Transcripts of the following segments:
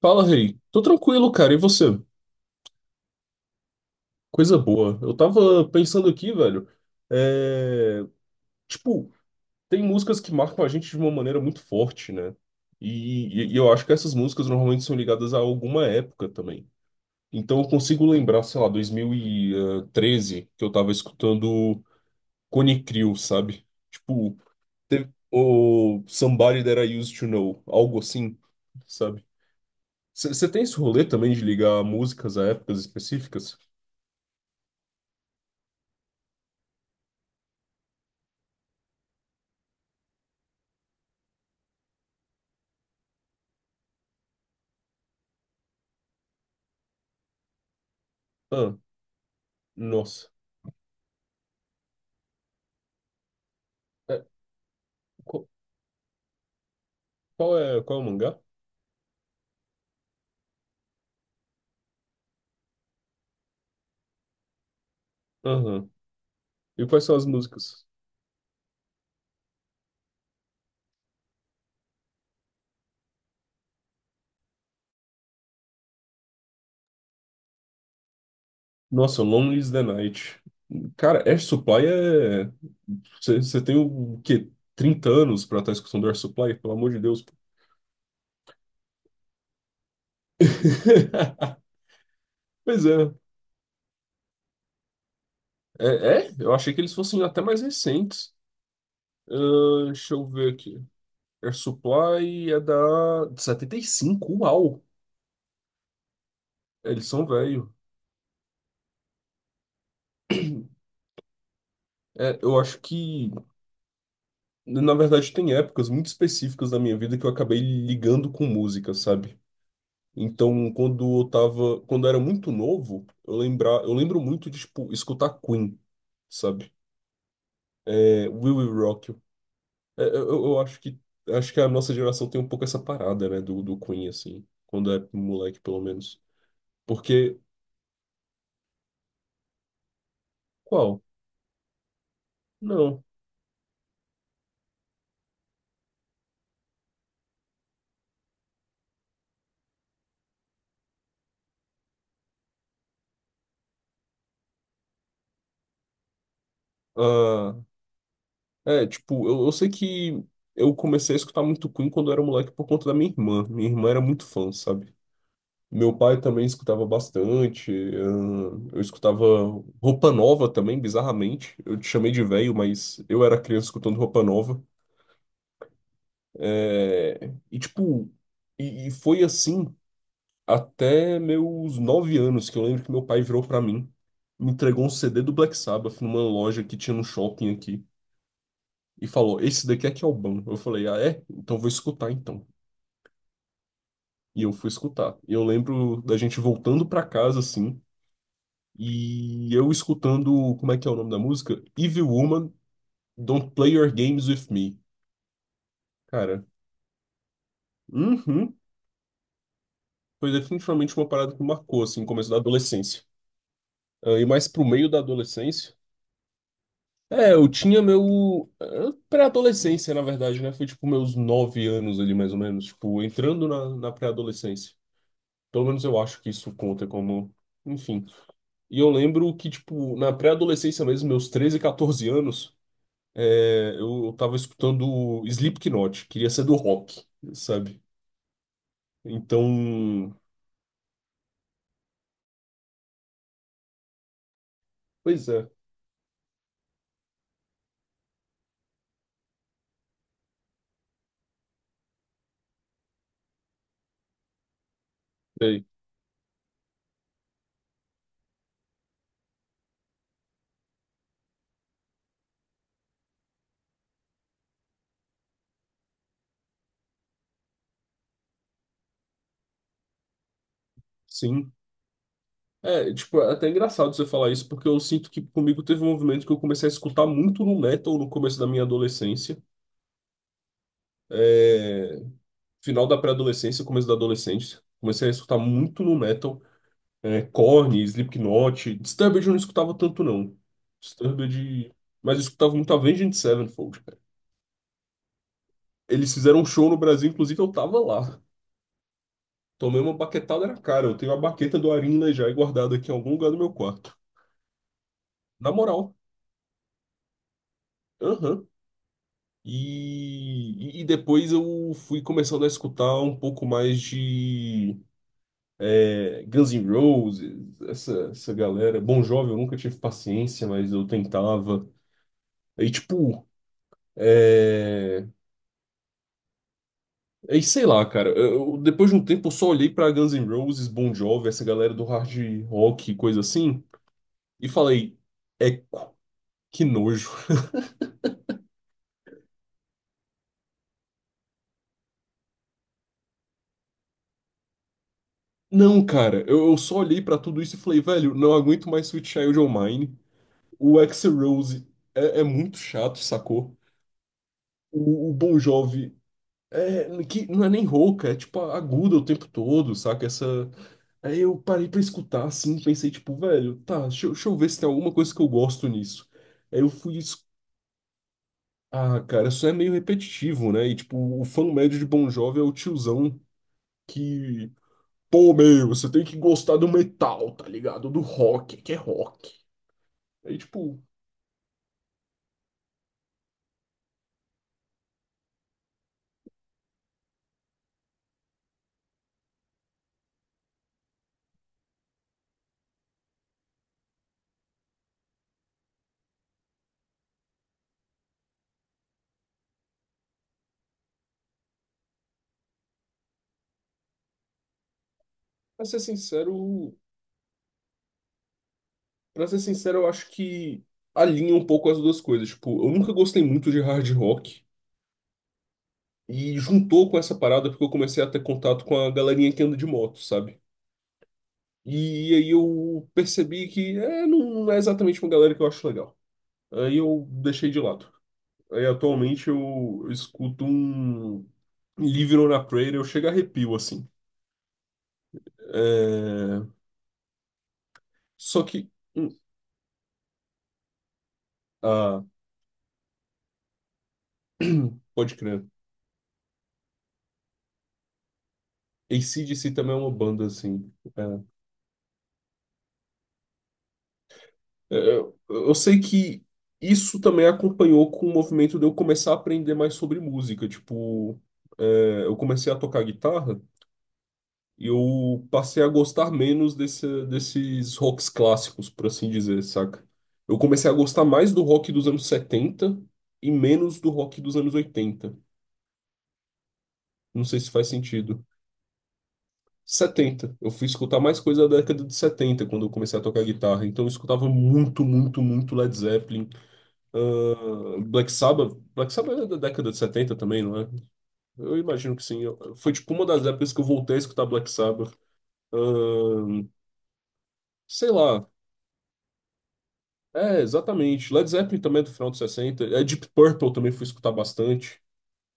Fala, rei. Tô tranquilo, cara. E você? Coisa boa. Eu tava pensando aqui, velho. É... Tipo, tem músicas que marcam a gente de uma maneira muito forte, né? E eu acho que essas músicas normalmente são ligadas a alguma época também. Então eu consigo lembrar, sei lá, 2013, que eu tava escutando Cone Crew, sabe? Tipo, teve o Somebody That I Used to Know, algo assim, sabe? Você tem esse rolê também de ligar músicas a épocas específicas? Ah. Nossa. É, qu- qual é o mangá? Aham. E quais são as músicas? Nossa, Lonely is the Night. Cara, Air Supply é. Você tem o quê? 30 anos pra estar escutando Air Supply? Pelo amor de Deus. Pô. Pois é. É, é? Eu achei que eles fossem até mais recentes. Deixa eu ver aqui. Air Supply é da de 75. Uau! Eles são velho. É, eu acho que, na verdade, tem épocas muito específicas da minha vida que eu acabei ligando com música, sabe? Então, quando eu era muito novo, eu lembro muito de, tipo, escutar Queen, sabe? É, We Will Rock You. É, eu acho que a nossa geração tem um pouco essa parada, né, do, do Queen, assim, quando é moleque, pelo menos. Porque, qual? Não. Ah, é, tipo, eu sei que eu comecei a escutar muito Queen quando eu era moleque por conta da minha irmã. Minha irmã era muito fã, sabe? Meu pai também escutava bastante. Eu escutava Roupa Nova também, bizarramente. Eu te chamei de velho, mas eu era criança escutando Roupa Nova. É, e tipo, e foi assim até meus 9 anos, que eu lembro que meu pai virou pra mim, me entregou um CD do Black Sabbath numa loja que tinha no shopping aqui e falou: Esse daqui é que é o bom. Eu falei: Ah, é? Então vou escutar então. E eu fui escutar. E eu lembro da gente voltando pra casa assim. E eu escutando, como é que é o nome da música? Evil Woman, Don't Play Your Games With Me. Cara, uhum, foi definitivamente uma parada que me marcou, assim, no começo da adolescência. Ah, e mais pro meio da adolescência. É, eu tinha meu... Pré-adolescência, na verdade, né? Foi tipo meus 9 anos ali, mais ou menos. Tipo, entrando na, na pré-adolescência. Pelo menos eu acho que isso conta como. Enfim. E eu lembro que, tipo, na pré-adolescência mesmo, meus 13, 14 anos. Eu tava escutando Slipknot, queria ser do rock, sabe? Então, pois é, sei, sim. É, tipo, é até engraçado você falar isso, porque eu sinto que comigo teve um movimento que eu comecei a escutar muito no metal no começo da minha adolescência. É, final da pré-adolescência, começo da adolescência. Comecei a escutar muito no metal. É, Korn, Slipknot. Disturbed eu não escutava tanto, não. Disturbed. Mas eu escutava muito Avenged Sevenfold, cara. Eles fizeram um show no Brasil, inclusive eu tava lá. Tomei uma baquetada na cara. Eu tenho a baqueta do Arim Lejay guardada aqui em algum lugar do meu quarto. Na moral. Aham. E depois eu fui começando a escutar um pouco mais de Guns N' Roses, essa galera. Bon Jovi eu nunca tive paciência, mas eu tentava. Aí, tipo, é... Aí, sei lá, cara. Depois de um tempo eu só olhei pra Guns N' Roses, Bon Jovi, essa galera do hard rock e coisa assim, e falei, eco, que nojo. Não, cara, eu só olhei pra tudo isso e falei, velho, não aguento mais Sweet Child O' Mine. O Axl Rose é muito chato, sacou? O Bon Jovi é, que não é nem rouca, é tipo aguda o tempo todo, saca? Essa. Aí eu parei pra escutar assim, pensei, tipo, velho, tá, deixa eu ver se tem alguma coisa que eu gosto nisso. Aí eu fui. Ah, cara, isso é meio repetitivo, né? E tipo, o fã médio de Bon Jovi é o tiozão. Que... Pô, meu, você tem que gostar do metal, tá ligado? Do rock, que é rock. Aí, tipo, pra ser sincero, pra ser sincero, eu acho que alinha um pouco as duas coisas. Tipo, eu nunca gostei muito de hard rock e juntou com essa parada porque eu comecei a ter contato com a galerinha que anda de moto, sabe? E aí eu percebi que é, não é exatamente uma galera que eu acho legal. Aí eu deixei de lado. Aí atualmente eu escuto um Living on a Prayer, eu chego a arrepio, assim. É, só que. hum, Ah, pode crer. AC/DC também é uma banda, assim. É. Eu sei que isso também acompanhou com o movimento de eu começar a aprender mais sobre música. Tipo, eu comecei a tocar guitarra e eu passei a gostar menos desses rocks clássicos, por assim dizer, saca? Eu comecei a gostar mais do rock dos anos 70 e menos do rock dos anos 80. Não sei se faz sentido. Setenta Eu fui escutar mais coisa da década de 70 quando eu comecei a tocar guitarra. Então eu escutava muito, muito, muito Led Zeppelin. Ah, Black Sabbath. Black Sabbath é da década de 70 também, não é? Eu imagino que sim. Foi tipo uma das épocas que eu voltei a escutar Black Sabbath. Ah, sei lá. É, exatamente. Led Zeppelin também é do final de 60. É, Deep Purple também fui escutar bastante.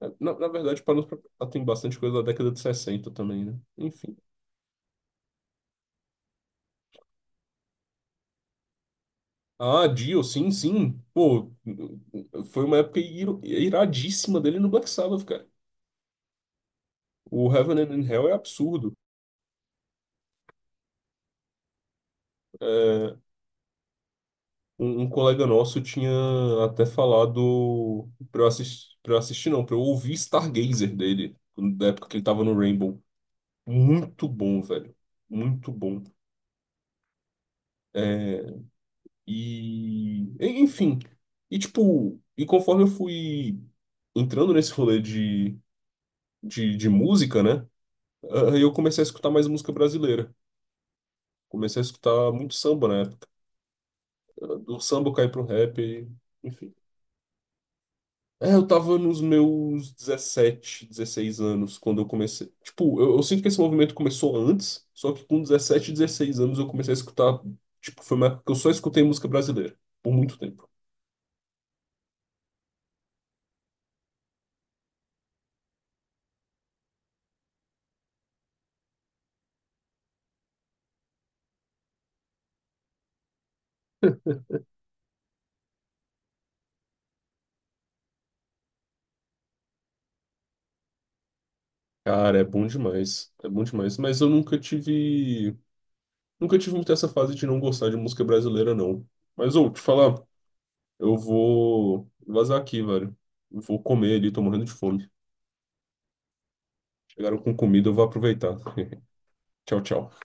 É, Na verdade, para nos tem bastante coisa da década de 60 também, né? Enfim. Ah, Dio, sim, sim. Pô, foi uma época iradíssima dele no Black Sabbath, cara. O Heaven and Hell é absurdo. É, um colega nosso tinha até falado pra eu assistir não, pra eu ouvir Stargazer dele, da época que ele tava no Rainbow. Muito bom, velho. Muito bom. E, enfim. E tipo, e conforme eu fui entrando nesse rolê de, de música, né? Aí eu comecei a escutar mais música brasileira. Comecei a escutar muito samba na época. Do samba cair pro rap, enfim. É, eu tava nos meus 17 16 anos quando eu comecei. Tipo, eu sinto que esse movimento começou antes, só que com 17 16 anos eu comecei a escutar. Tipo, foi uma época que eu só escutei música brasileira por muito tempo. Cara, é bom demais. É bom demais. Mas eu nunca tive. Nunca tive muito essa fase de não gostar de música brasileira, não. Mas, ô, te falar, eu vou vazar aqui, velho. Eu vou comer ali, tô morrendo de fome. Chegaram com comida, eu vou aproveitar. Tchau, tchau.